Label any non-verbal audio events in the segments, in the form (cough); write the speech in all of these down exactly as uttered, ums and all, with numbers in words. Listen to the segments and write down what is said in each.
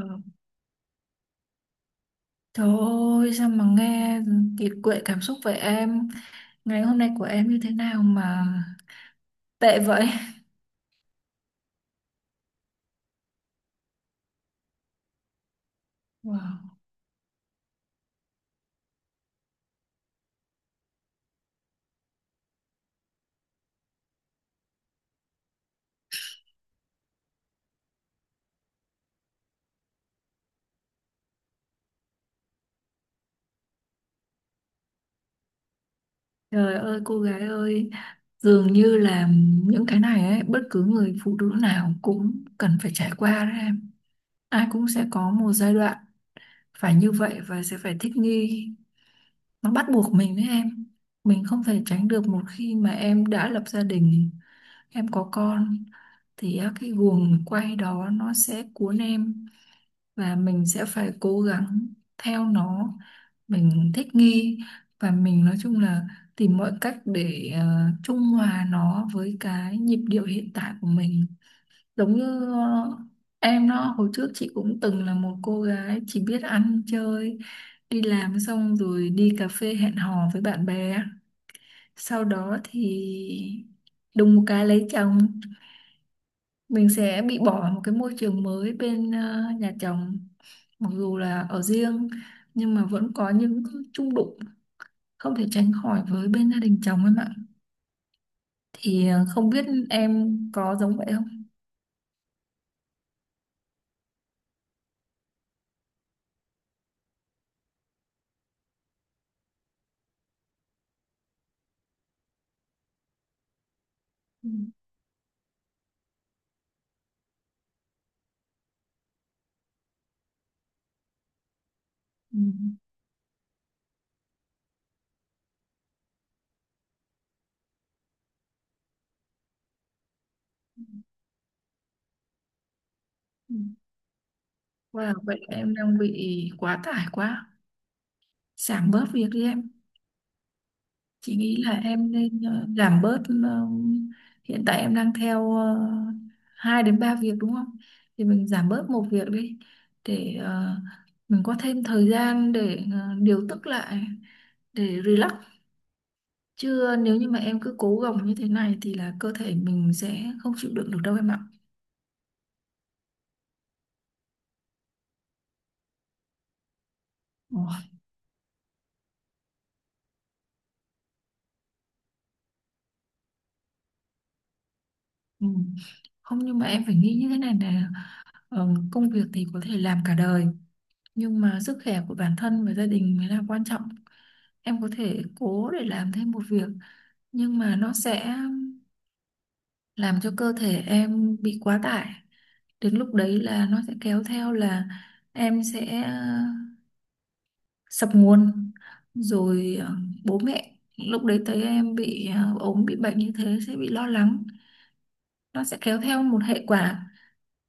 Ờ. Trời ơi, sao mà nghe kiệt quệ cảm xúc vậy em. Ngày hôm nay của em như thế nào mà tệ vậy? Wow. Trời ơi, cô gái ơi. Dường như là những cái này ấy, bất cứ người phụ nữ nào cũng cần phải trải qua đấy em. Ai cũng sẽ có một giai đoạn phải như vậy và sẽ phải thích nghi. Nó bắt buộc mình đấy em. Mình không thể tránh được. Một khi mà em đã lập gia đình, em có con, thì á, cái guồng quay đó nó sẽ cuốn em, và mình sẽ phải cố gắng theo nó, mình thích nghi, và mình nói chung là tìm mọi cách để ờ, trung hòa nó với cái nhịp điệu hiện tại của mình, giống như ờ, em đó. Hồi trước chị cũng từng là một cô gái chỉ biết ăn chơi, đi làm xong rồi đi cà phê hẹn hò với bạn bè. Sau đó thì đùng một cái lấy chồng, mình sẽ bị bỏ một cái môi trường mới bên ờ, nhà chồng, mặc dù là ở riêng nhưng mà vẫn có những chung đụng không thể tránh khỏi với bên gia đình chồng em ạ. Thì ờ, không biết em có giống vậy không? Ừ, ừ, ừ. Wow, vậy là em đang bị quá tải quá. Giảm bớt việc đi em. Chị nghĩ là em nên ờ, giảm bớt. Ờ, hiện tại em đang theo ờ, hai đến ba việc đúng không? Thì mình giảm bớt một việc đi, để ờ, mình có thêm thời gian để ờ, điều tức lại, để relax, chứ nếu như mà em cứ cố gồng như thế này thì là cơ thể mình sẽ không chịu đựng được đâu em ạ. Ồ, ừ. Không, nhưng mà em phải nghĩ như thế này nè. Ờ, công việc thì có thể làm cả đời, nhưng mà sức khỏe của bản thân và gia đình mới là quan trọng. Em có thể cố để làm thêm một việc, nhưng mà nó sẽ làm cho cơ thể em bị quá tải. Đến lúc đấy là nó sẽ kéo theo là em sẽ ờ, sập nguồn, rồi ờ, bố mẹ lúc đấy thấy em bị ờ, ốm, bị bệnh như thế sẽ bị lo lắng. Nó sẽ kéo theo một hệ quả.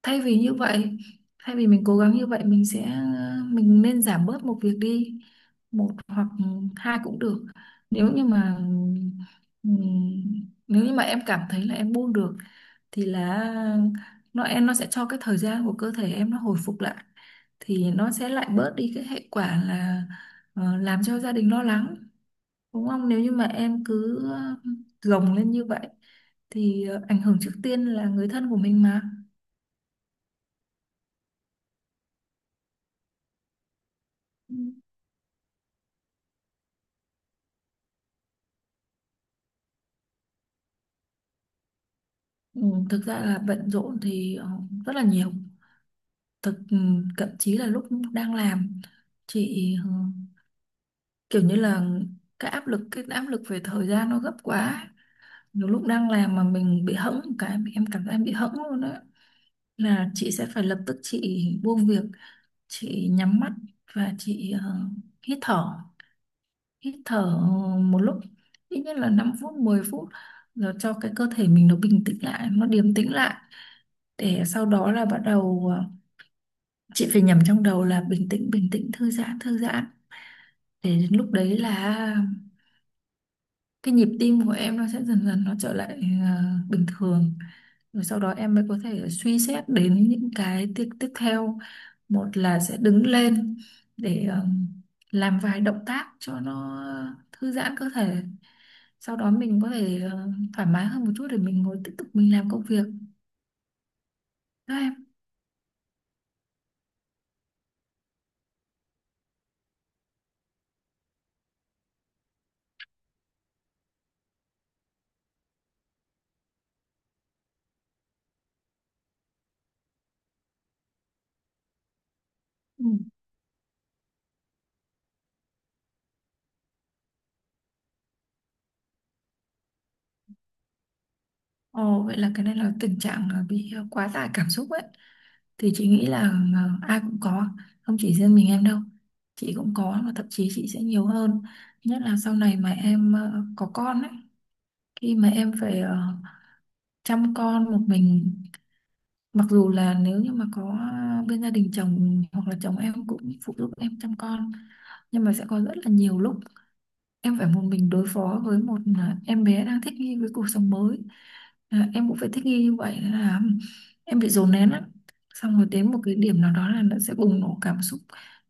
Thay vì như vậy, thay vì mình cố gắng như vậy, mình sẽ mình nên giảm bớt một việc đi, một hoặc hai cũng được. Nếu như mà ừm, nếu như mà em cảm thấy là em buông được thì là nó em nó sẽ cho cái thời gian của cơ thể em nó hồi phục lại, thì nó sẽ lại bớt đi cái hệ quả là ờ, làm cho gia đình lo lắng, đúng không? Nếu như mà em cứ ờ, gồng lên như vậy thì ờ, ảnh hưởng trước tiên là người thân của mình mà. Ừ, thực ra là bận rộn thì ờ, rất là nhiều. thực ừ, Thậm chí là lúc đang làm, chị ờ, kiểu như là cái áp lực cái áp lực về thời gian nó gấp quá, nhiều lúc đang làm mà mình bị hẫng một cái, em cảm giác em bị hẫng luôn á, là chị sẽ phải lập tức chị buông việc, chị nhắm mắt, và chị ờ, hít thở, hít thở ờ, một lúc, ít nhất là năm phút mười phút, rồi cho cái cơ thể mình nó bình tĩnh lại, nó điềm tĩnh lại, để sau đó là bắt đầu ờ, chị phải nhầm trong đầu là bình tĩnh bình tĩnh thư giãn thư giãn, để đến lúc đấy là cái nhịp tim của em nó sẽ dần dần nó trở lại ờ, bình thường. Rồi sau đó em mới có thể suy xét đến những cái tiếp tiếp theo. Một là sẽ đứng lên để ờ, làm vài động tác cho nó thư giãn cơ thể, sau đó mình có thể ờ, thoải mái hơn một chút để mình ngồi tiếp tục mình làm công việc. Đó em. Ừ. Ồ, vậy là cái này là tình trạng ờ, bị ờ, quá tải cảm xúc ấy, thì chị nghĩ là ờ, ai cũng có, không chỉ riêng mình em đâu, chị cũng có, mà thậm chí chị sẽ nhiều hơn. Nhất là sau này mà em ờ, có con ấy, khi mà em phải ờ, chăm con một mình. Mặc dù là nếu như mà có bên gia đình chồng hoặc là chồng em cũng phụ giúp em chăm con, nhưng mà sẽ có rất là nhiều lúc em phải một mình đối phó với một à, em bé đang thích nghi với cuộc sống mới, à, em cũng phải thích nghi như vậy, nên là em bị dồn nén lắm. Xong rồi đến một cái điểm nào đó là nó sẽ bùng nổ cảm xúc,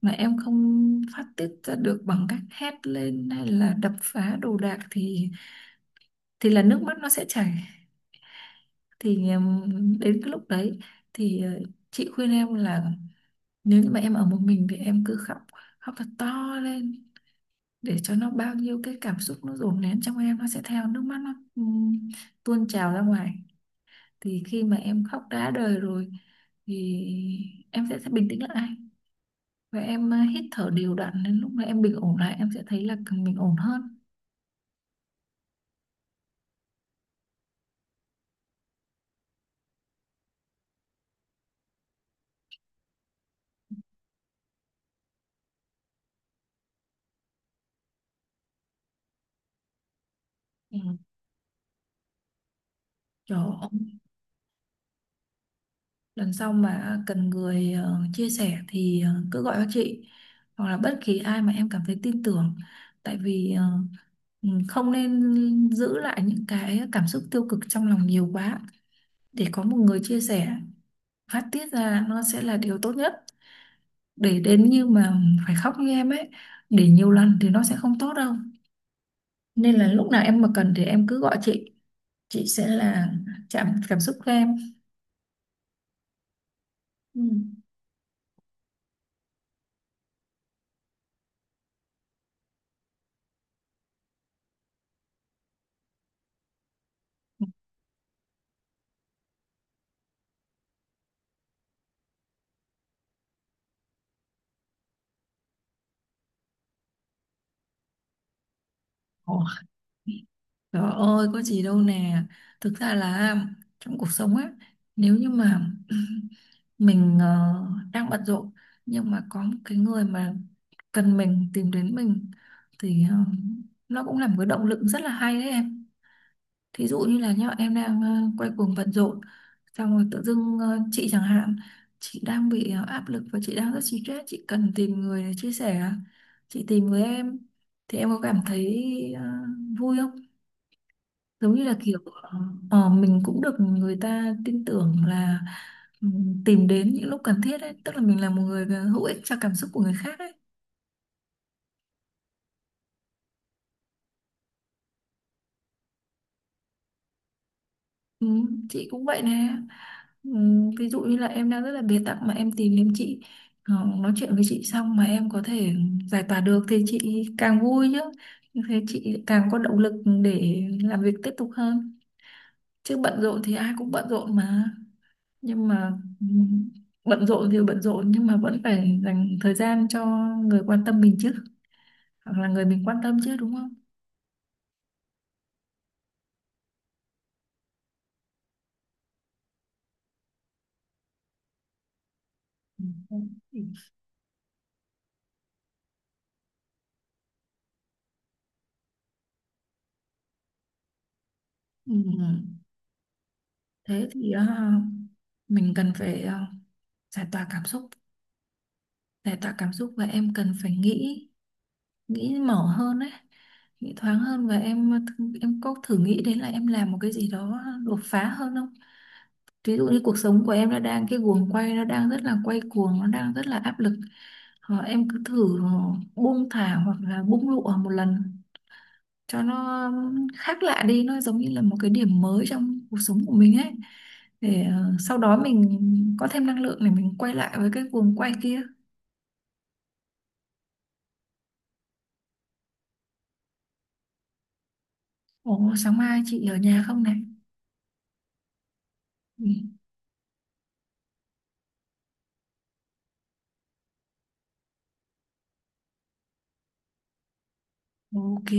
mà em không phát tiết ra được bằng cách hét lên hay là đập phá đồ đạc thì thì là nước mắt nó sẽ chảy. Thì ừm, đến cái lúc đấy thì ờ, chị khuyên em là nếu như mà em ở một mình thì em cứ khóc, khóc thật to lên để cho nó bao nhiêu cái cảm xúc nó dồn nén trong em nó sẽ theo nước mắt nó ừm, tuôn trào ra ngoài. Thì khi mà em khóc đã đời rồi thì em sẽ, sẽ bình tĩnh lại, và em ờ, hít thở đều đặn, đến lúc mà em bình ổn lại em sẽ thấy là mình ổn hơn. Ừ. Trời ơi, lần sau mà cần người ờ, chia sẻ thì ờ, cứ gọi cho chị, hoặc là bất kỳ ai mà em cảm thấy tin tưởng. Tại vì ờ, ừ, không nên giữ lại những cái cảm xúc tiêu cực trong lòng nhiều quá, để có một người chia sẻ phát tiết ra nó sẽ là điều tốt nhất. Để đến như mà phải khóc như em ấy, để nhiều lần thì nó sẽ không tốt đâu. Nên là lúc nào em mà cần thì em cứ gọi chị chị sẽ là chạm cảm xúc của em. Ừ. Ồ, trời ơi, có gì đâu nè. Thực ra là trong cuộc sống á, nếu như mà (clears throat) mình ờ, đang bận rộn, nhưng mà có một cái người mà cần mình tìm đến mình thì ờ, nó cũng là một cái động lực rất là hay đấy em. Thí dụ như là nhá, em đang ờ, quay cuồng bận rộn, xong rồi tự dưng ờ, chị chẳng hạn, chị đang bị ờ, áp lực và chị đang rất stress, chị cần tìm người để chia sẻ à? Chị tìm với em thì em có cảm thấy ờ, vui không? Giống như là kiểu ờ, ờ, mình cũng được người ta tin tưởng là, ừ, tìm đến những lúc cần thiết ấy, tức là mình là một người ờ, hữu ích cho cảm xúc của người khác ấy. Ừ, chị cũng vậy nè. Ừm, ví dụ như là em đang rất là bế tắc mà em tìm đến chị, ờ, nói chuyện với chị xong mà em có thể giải tỏa được thì chị càng vui chứ. Thế chị càng có động lực để làm việc tiếp tục hơn. Chứ bận rộn thì ai cũng bận rộn mà, nhưng mà ừm, bận rộn thì bận rộn nhưng mà vẫn phải dành thời gian cho người quan tâm mình chứ, hoặc là người mình quan tâm chứ, đúng không? Ừm. Ừm, Thế thì ờ, mình cần phải ờ, giải tỏa cảm xúc, giải tỏa cảm xúc, và em cần phải nghĩ nghĩ mở hơn ấy, nghĩ thoáng hơn. Và em em có thử nghĩ đến là em làm một cái gì đó đột phá hơn không? Ví dụ như cuộc sống của em nó đang cái guồng quay nó đang rất là quay cuồng, nó đang rất là áp lực, hoặc em cứ thử buông thả hoặc là bung lụa một lần cho nó khác lạ đi, nó giống như là một cái điểm mới trong cuộc sống của mình ấy, để ờ, sau đó mình có thêm năng lượng để mình quay lại với cái guồng quay kia. Ồ, sáng mai chị ở nhà không này. Ừ. Ok,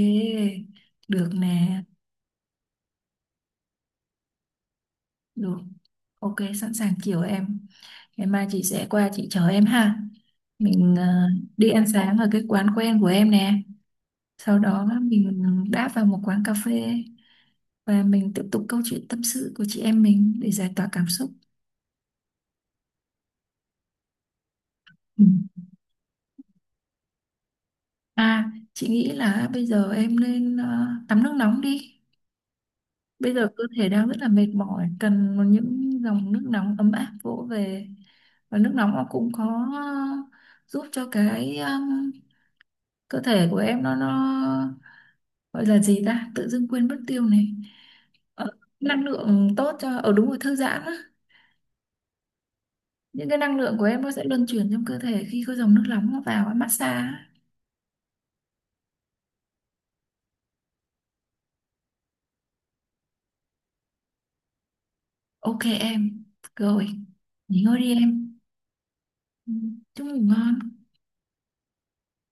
được nè, được. Ok, sẵn sàng chiều em. Ngày mai chị sẽ qua, chị chờ em ha. Mình ờ, đi ăn sáng ở cái quán quen của em nè. Sau đó mình đáp vào một quán cà phê và mình tiếp tục câu chuyện tâm sự của chị em mình để giải tỏa cảm xúc. Ừ. À, chị nghĩ là bây giờ em nên ờ, tắm nước nóng đi. Bây giờ cơ thể đang rất là mệt mỏi, cần một những dòng nước nóng ấm áp vỗ về. Và nước nóng nó cũng có giúp cho cái um, cơ thể của em nó nó gọi là gì ta? Tự dưng quên mất tiêu này. Ờ, năng lượng tốt cho ở đúng rồi thư giãn á. Những cái năng lượng của em nó sẽ luân chuyển trong cơ thể khi có dòng nước nóng nó vào ấy, massage. Á. Ok em. Rồi, nghỉ ngơi đi em. Ừ, chúc ngủ ngon.